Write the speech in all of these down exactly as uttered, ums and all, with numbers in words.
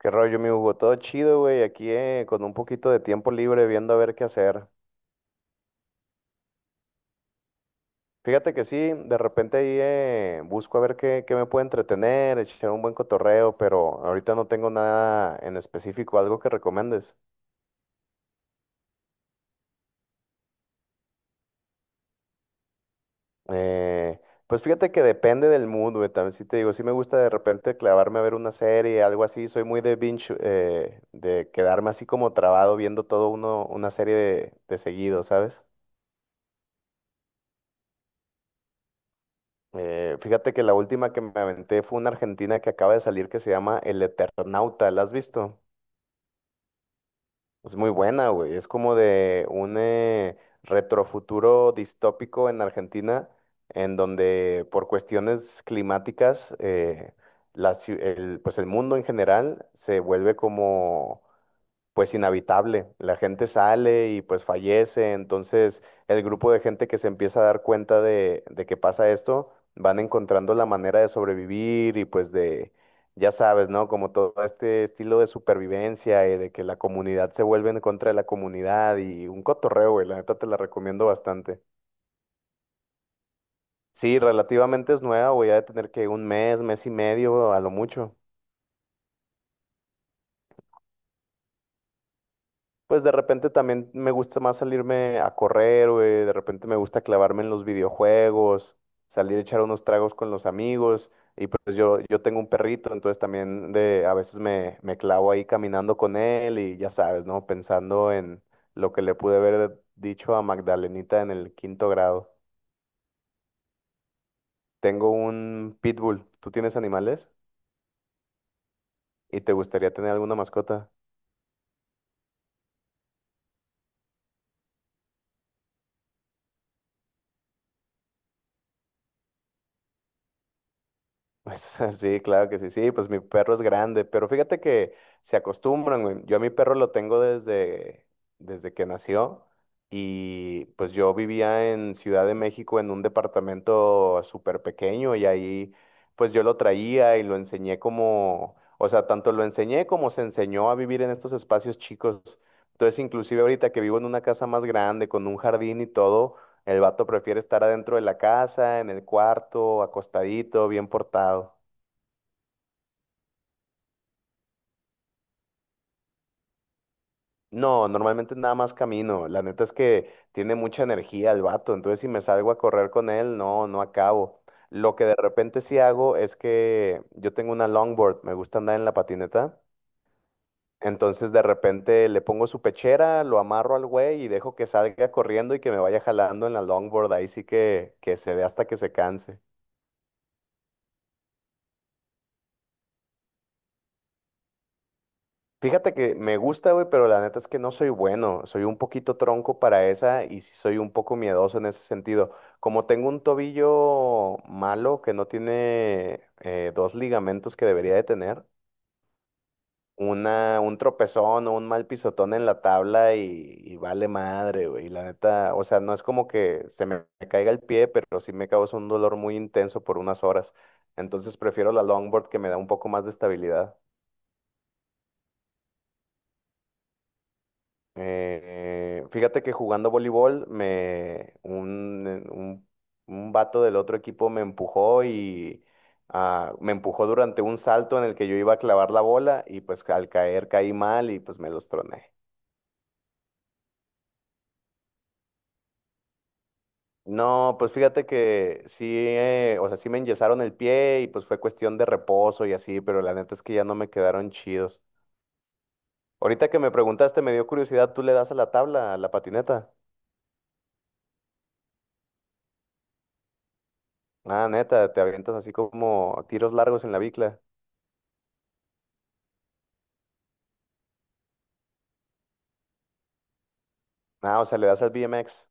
Qué rollo, mi Hugo, todo chido, güey, aquí eh, con un poquito de tiempo libre viendo a ver qué hacer. Fíjate que sí, de repente ahí eh, busco a ver qué, qué me puede entretener, echar un buen cotorreo, pero ahorita no tengo nada en específico, algo que recomiendes. Eh, pues fíjate que depende del mood, güey, también sí te digo, sí me gusta de repente clavarme a ver una serie, algo así, soy muy de binge, eh, de quedarme así como trabado viendo todo uno, una serie de, de seguido, ¿sabes? Eh, fíjate que la última que me aventé fue una argentina que acaba de salir que se llama El Eternauta, ¿la has visto? Es muy buena, güey. Es como de un eh, retrofuturo distópico en Argentina, en donde por cuestiones climáticas, eh, la ciu- el, pues el mundo en general se vuelve como pues inhabitable. La gente sale y pues fallece. Entonces, el grupo de gente que se empieza a dar cuenta de, de que pasa esto, van encontrando la manera de sobrevivir y pues de, ya sabes, ¿no? Como todo este estilo de supervivencia y de que la comunidad se vuelve en contra de la comunidad y un cotorreo, güey. La neta te la recomiendo bastante. Sí, relativamente es nueva, voy a tener que un mes, mes y medio a lo mucho. Pues de repente también me gusta más salirme a correr, güey. De repente me gusta clavarme en los videojuegos, salir a echar unos tragos con los amigos. Y pues yo, yo tengo un perrito, entonces también de, a veces me, me clavo ahí caminando con él y ya sabes, ¿no? Pensando en lo que le pude haber dicho a Magdalenita en el quinto grado. Tengo un pitbull. ¿Tú tienes animales? ¿Y te gustaría tener alguna mascota? Pues sí, claro que sí, sí, pues mi perro es grande, pero fíjate que se acostumbran, güey. Yo a mi perro lo tengo desde, desde que nació y pues yo vivía en Ciudad de México en un departamento súper pequeño y ahí pues yo lo traía y lo enseñé como, o sea, tanto lo enseñé como se enseñó a vivir en estos espacios chicos. Entonces, inclusive ahorita que vivo en una casa más grande, con un jardín y todo, el vato prefiere estar adentro de la casa, en el cuarto, acostadito, bien portado. No, normalmente nada más camino. La neta es que tiene mucha energía el vato, entonces si me salgo a correr con él, no, no acabo. Lo que de repente sí hago es que yo tengo una longboard, me gusta andar en la patineta. Entonces de repente le pongo su pechera, lo amarro al güey y dejo que salga corriendo y que me vaya jalando en la longboard. Ahí sí que, que se dé hasta que se canse. Fíjate que me gusta, güey, pero la neta es que no soy bueno. Soy un poquito tronco para esa y sí soy un poco miedoso en ese sentido. Como tengo un tobillo malo que no tiene eh, dos ligamentos que debería de tener, una, un tropezón o un mal pisotón en la tabla y, y vale madre, güey. La neta, o sea, no es como que se me caiga el pie, pero sí me causa un dolor muy intenso por unas horas. Entonces prefiero la longboard que me da un poco más de estabilidad. Eh, fíjate que jugando voleibol, me, un, eh, un, un vato del otro equipo me empujó y ah, me empujó durante un salto en el que yo iba a clavar la bola y pues al caer caí mal y pues me los troné. No, pues fíjate que sí, eh, o sea, sí me enyesaron el pie y pues fue cuestión de reposo y así, pero la neta es que ya no me quedaron chidos. Ahorita que me preguntaste, me dio curiosidad, ¿tú le das a la tabla, a la patineta? Ah, neta, te avientas así como tiros largos en la bicla. Ah, o sea, le das al B M X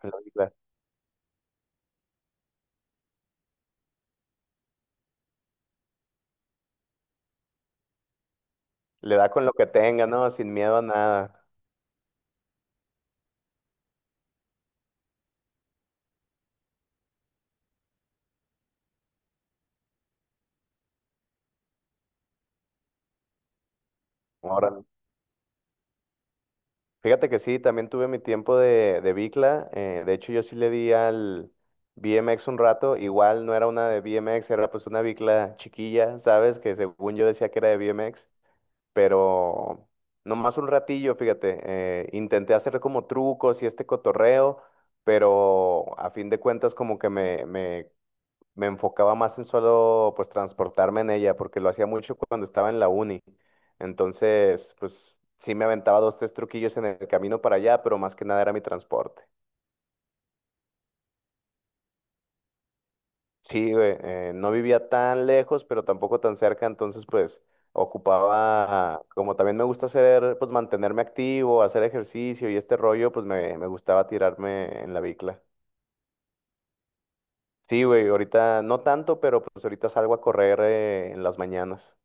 a la bicicleta. Le da con lo que tenga, ¿no? Sin miedo a nada. Órale. Fíjate que sí, también tuve mi tiempo de, de bicla. Eh, de hecho, yo sí le di al B M X un rato. Igual no era una de B M X, era pues una bicla chiquilla, ¿sabes? Que según yo decía que era de B M X, pero nomás un ratillo, fíjate. Eh, intenté hacer como trucos y este cotorreo, pero a fin de cuentas como que me, me me enfocaba más en solo pues transportarme en ella, porque lo hacía mucho cuando estaba en la uni. Entonces, pues sí me aventaba dos, tres truquillos en el camino para allá, pero más que nada era mi transporte. Sí, güey, eh, no vivía tan lejos, pero tampoco tan cerca, entonces pues ocupaba, como también me gusta hacer, pues mantenerme activo, hacer ejercicio y este rollo, pues me, me gustaba tirarme en la bicla. Sí, güey, ahorita no tanto, pero pues ahorita salgo a correr eh, en las mañanas.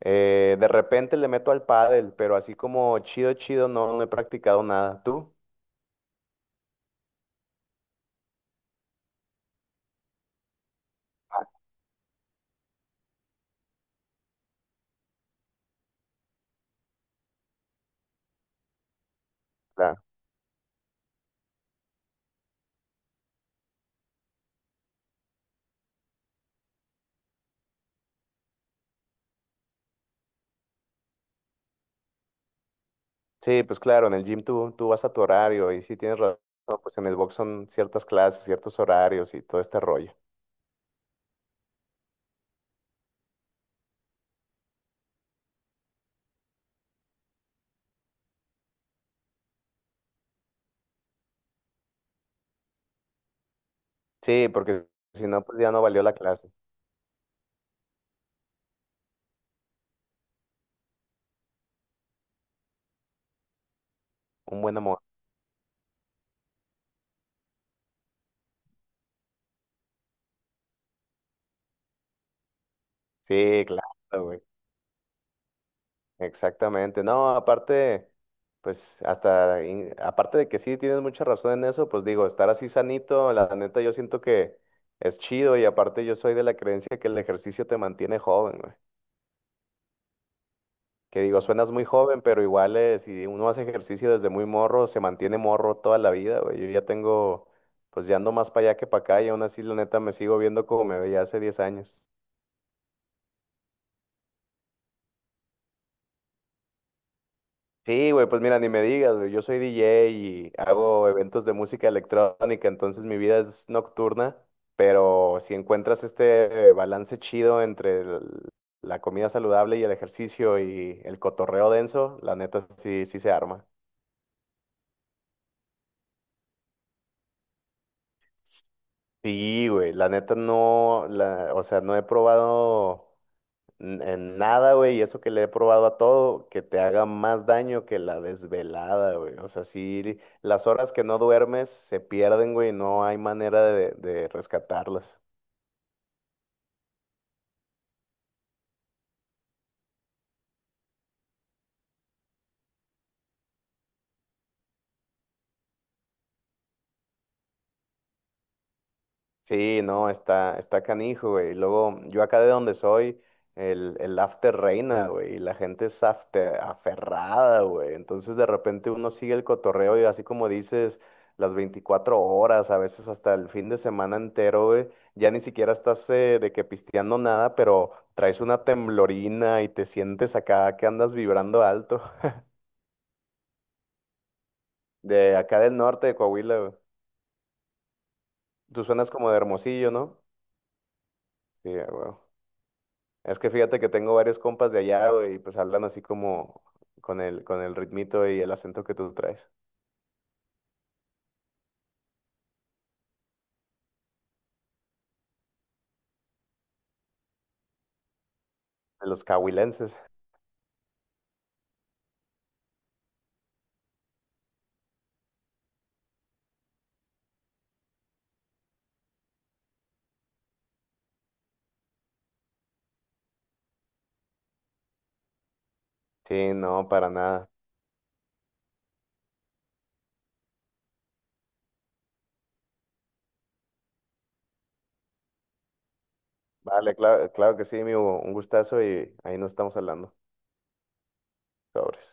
Eh, de repente le meto al pádel, pero así como chido, chido, no, no he practicado nada. ¿Tú? Claro. Sí, pues claro, en el gym tú, tú vas a tu horario y sí tienes razón, pues en el box son ciertas clases, ciertos horarios y todo este rollo. Sí, porque si no, pues ya no valió la clase. Un buen amor. Sí, claro, güey. Exactamente. No, aparte, pues hasta, in- aparte de que sí tienes mucha razón en eso, pues digo, estar así sanito, la neta yo siento que es chido y aparte yo soy de la creencia que el ejercicio te mantiene joven, güey. Que digo, suenas muy joven, pero igual eh, si uno hace ejercicio desde muy morro, se mantiene morro toda la vida, güey. Yo ya tengo, pues ya ando más para allá que para acá y aún así la neta me sigo viendo como me veía hace diez años. Sí, güey, pues mira, ni me digas, güey. Yo soy D J y hago eventos de música electrónica, entonces mi vida es nocturna, pero si encuentras este eh, balance chido entre el- la comida saludable y el ejercicio y el cotorreo denso, la neta sí, sí se arma. Sí, güey, la neta no, la, o sea, no he probado. n- En nada, güey, y eso que le he probado a todo, que te haga más daño que la desvelada, güey. O sea, sí, las horas que no duermes se pierden, güey, no hay manera de, de rescatarlas. Sí, no, está, está canijo, güey. Y luego, yo acá de donde soy, el, el after reina, güey. Y la gente es afte- aferrada, güey. Entonces, de repente uno sigue el cotorreo y así como dices, las veinticuatro horas, a veces hasta el fin de semana entero, güey. Ya ni siquiera estás eh, de que pisteando nada, pero traes una temblorina y te sientes acá que andas vibrando alto. De acá del norte de Coahuila, güey. Tú suenas como de Hermosillo, ¿no? Sí, güey. Es que fíjate que tengo varios compas de allá, güey, y pues hablan así como con el, con el ritmito y el acento que tú traes. De los cahuilenses. Sí, no, para nada. Vale, claro, claro que sí, mi Hugo, un gustazo y ahí nos estamos hablando. Sobres.